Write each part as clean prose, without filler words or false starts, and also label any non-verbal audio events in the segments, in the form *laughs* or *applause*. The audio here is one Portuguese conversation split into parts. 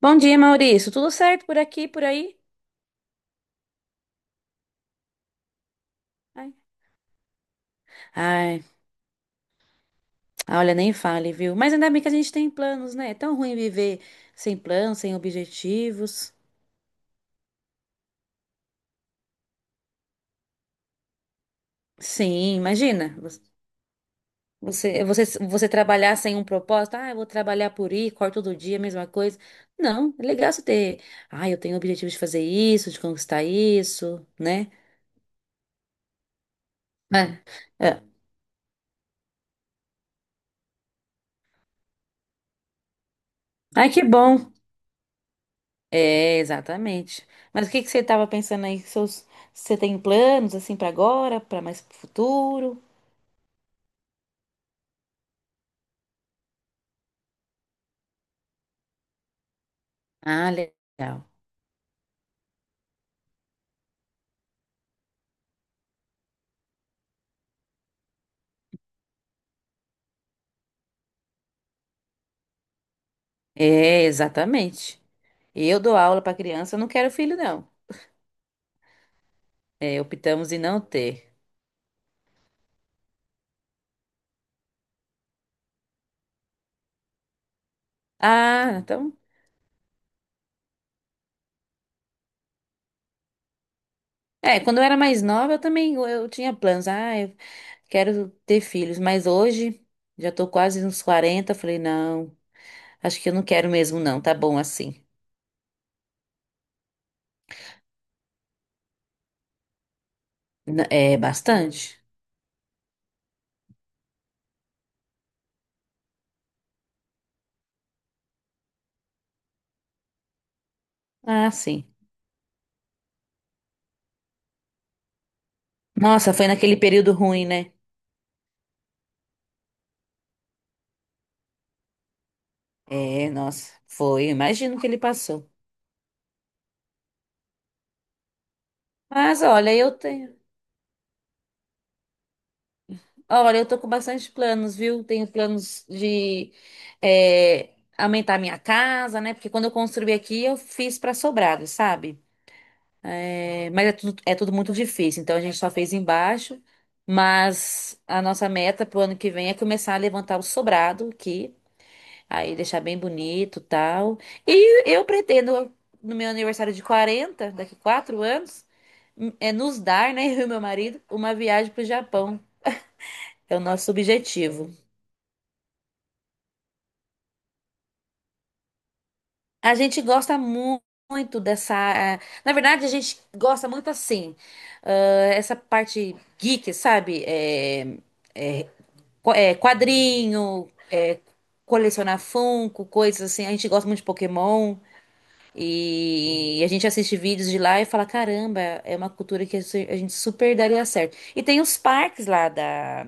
Bom dia, Maurício. Tudo certo por aqui, por aí? Ai, Ai, olha, nem fale, viu? Mas ainda bem que a gente tem planos, né? É tão ruim viver sem planos, sem objetivos. Sim, imagina. Você trabalhar sem um propósito. Ah, eu vou trabalhar por ir, corto todo dia, mesma coisa. Não, é legal você ter. Ah, eu tenho o objetivo de fazer isso, de conquistar isso, né? Ah, é. Ai, que bom. É, exatamente. Mas o que que você estava pensando aí? Você tem planos assim para agora, para mais pro futuro? Ah, legal. É, exatamente. Eu dou aula para criança, eu não quero filho, não. É, optamos em não ter. Ah, então. É, quando eu era mais nova, eu também eu tinha planos. Ah, eu quero ter filhos. Mas hoje, já tô quase nos 40. Falei, não, acho que eu não quero mesmo, não. Tá bom assim. É bastante. Ah, sim. Nossa, foi naquele período ruim, né? É, nossa, foi. Imagino o que ele passou. Mas olha, eu tenho. Olha, eu tô com bastante planos, viu? Tenho planos de aumentar minha casa, né? Porque quando eu construí aqui, eu fiz para sobrado, sabe? É, mas é tudo muito difícil, então a gente só fez embaixo. Mas a nossa meta pro ano que vem é começar a levantar o sobrado aqui. Aí deixar bem bonito, tal. E eu pretendo, no meu aniversário de 40 daqui 4 anos, nos dar, né, *laughs* eu e meu marido, uma viagem para o Japão. É o nosso objetivo. A gente gosta muito dessa. Na verdade, a gente gosta muito assim, essa parte geek, sabe? Quadrinho, colecionar Funko, coisas assim. A gente gosta muito de Pokémon. E a gente assiste vídeos de lá e fala, caramba, é uma cultura que a gente super daria certo. E tem os parques lá da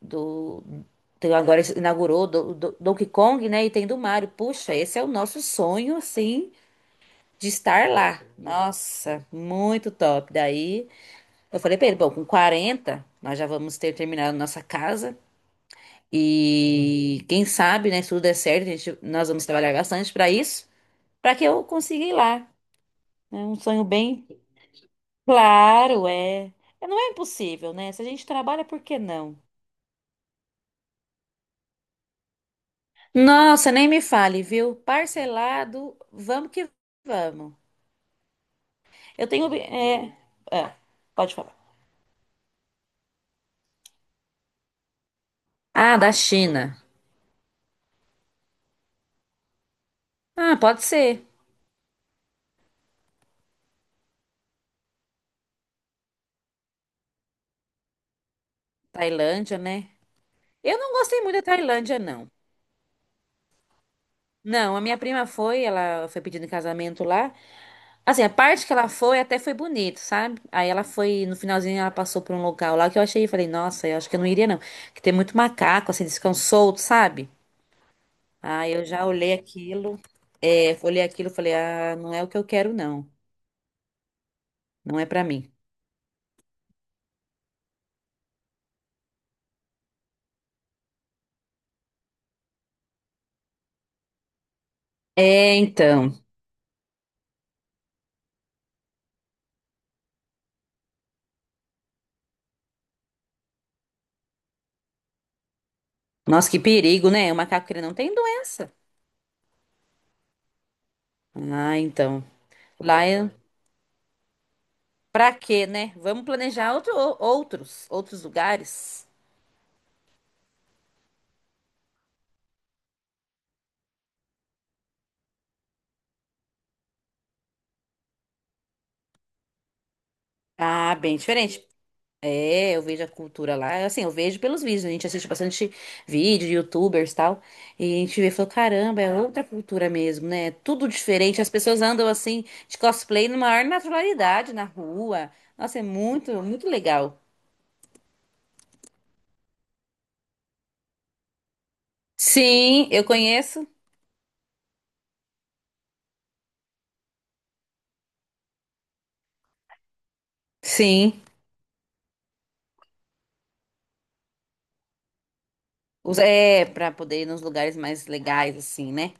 do agora inaugurou do Donkey Kong, né? E tem do Mario. Puxa, esse é o nosso sonho, assim, de estar lá. Nossa, muito top. Daí eu falei pra ele, bom, com 40 nós já vamos ter terminado nossa casa e quem sabe, né, se tudo der certo, nós vamos trabalhar bastante pra isso, pra que eu consiga ir lá. É um sonho bem. Claro, é. É, não é impossível, né? Se a gente trabalha, por que não? Nossa, nem me fale, viu? Parcelado, vamos que vamos. Eu tenho. É, é, pode falar. Ah, da China. Ah, pode ser. Tailândia, né? Eu não gostei muito da Tailândia, não. Não, a minha prima foi, ela foi pedindo em casamento lá. Assim, a parte que ela foi até foi bonito, sabe? Aí ela foi, no finalzinho, ela passou por um local lá que eu achei, falei, nossa, eu acho que eu não iria, não. Que tem muito macaco, assim, eles ficam soltos, sabe? Ah, eu já olhei aquilo, e falei, não é o que eu quero, não. Não é pra mim. É, então. Nossa, que perigo, né? O macaco ele não tem doença. Ah, então. Lá é pra quê, né? Vamos planejar outros lugares. Ah, bem diferente. É, eu vejo a cultura lá. Assim, eu vejo pelos vídeos. A gente assiste bastante vídeo, de youtubers e tal. E a gente vê e falou, caramba, é outra cultura mesmo, né? Tudo diferente. As pessoas andam assim, de cosplay, na maior naturalidade na rua. Nossa, é muito, muito legal. Sim, eu conheço. Sim. É, pra poder ir nos lugares mais legais, assim, né?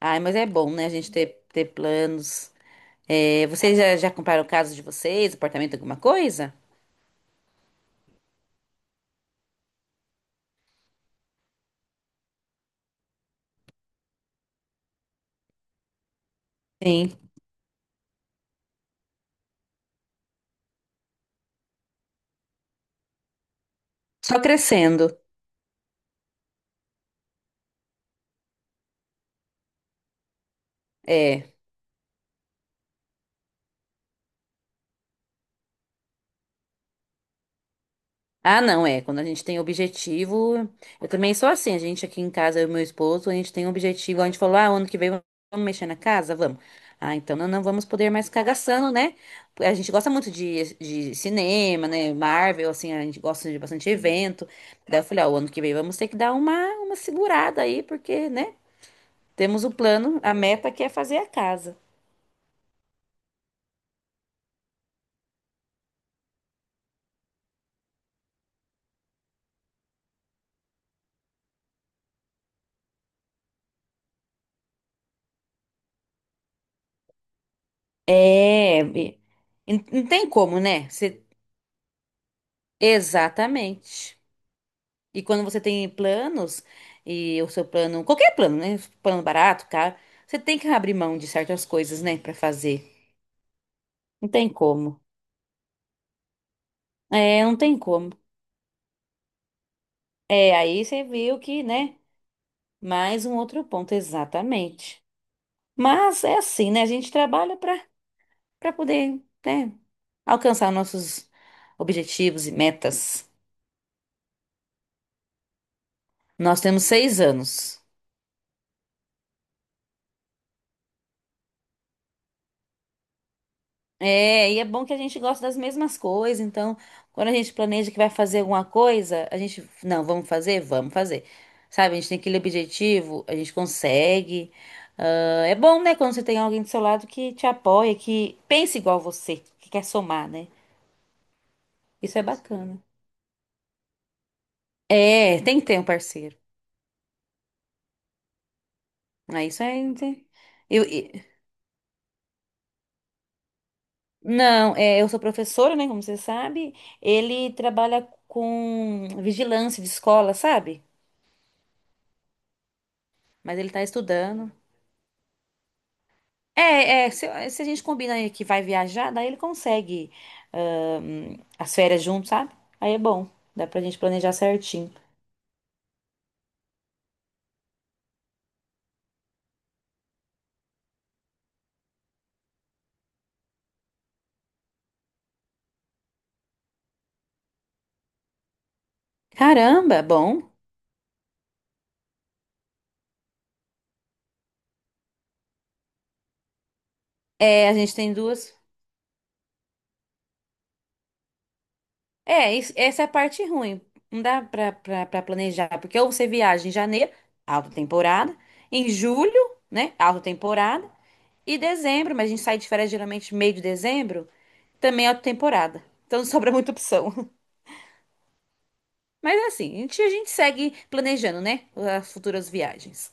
Ai, mas é bom, né? A gente ter, planos. É, vocês já compraram o caso de vocês, apartamento, alguma coisa? Sim. Só crescendo. É. Ah, não, é. Quando a gente tem objetivo. Eu também sou assim. A gente aqui em casa, eu e meu esposo, a gente tem um objetivo. A gente falou, ah, ano que vem vamos mexer na casa? Vamos. Ah, então não, não vamos poder mais ficar gastando, né? A gente gosta muito de cinema, né? Marvel, assim, a gente gosta de bastante evento. Daí eu falei, ah, o ano que vem vamos ter que dar uma segurada aí, porque, né? Temos o plano, a meta que é fazer a casa. É. E não tem como, né? Você- Exatamente. E quando você tem planos, e o seu plano, qualquer plano, né? Plano barato, caro, você tem que abrir mão de certas coisas, né, pra fazer. Não tem como. É, não tem como. É, aí você viu que, né? Mais um outro ponto, exatamente. Mas é assim, né? A gente trabalha pra para poder, né, alcançar nossos objetivos e metas. Nós temos 6 anos. É, e é bom que a gente gosta das mesmas coisas, então quando a gente planeja que vai fazer alguma coisa, a gente, não, vamos fazer? Vamos fazer. Sabe, a gente tem aquele objetivo, a gente consegue. Ah, é bom, né, quando você tem alguém do seu lado que te apoia, que pensa igual você, que quer somar, né? Isso é bacana. É, tem que ter um parceiro. Ah, isso é. Eu, e- não, eu sou professora, né? Como você sabe, ele trabalha com vigilância de escola, sabe? Mas ele tá estudando. É, é, se a gente combina aí que vai viajar, daí ele consegue as férias junto, sabe? Aí é bom, dá pra gente planejar certinho. Caramba, bom. É, a gente tem duas. É, essa é a parte ruim. Não dá pra planejar, porque ou você viaja em janeiro, alta temporada, em julho, né, alta temporada, e dezembro, mas a gente sai de férias geralmente meio de dezembro, também é alta temporada. Então *laughs* não sobra muita opção. Mas assim, a gente segue planejando, né? As futuras viagens.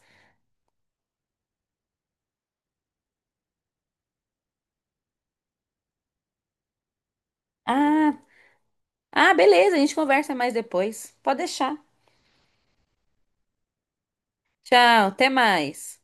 Ah, Ah, beleza, a gente conversa mais depois. Pode deixar. Tchau, até mais.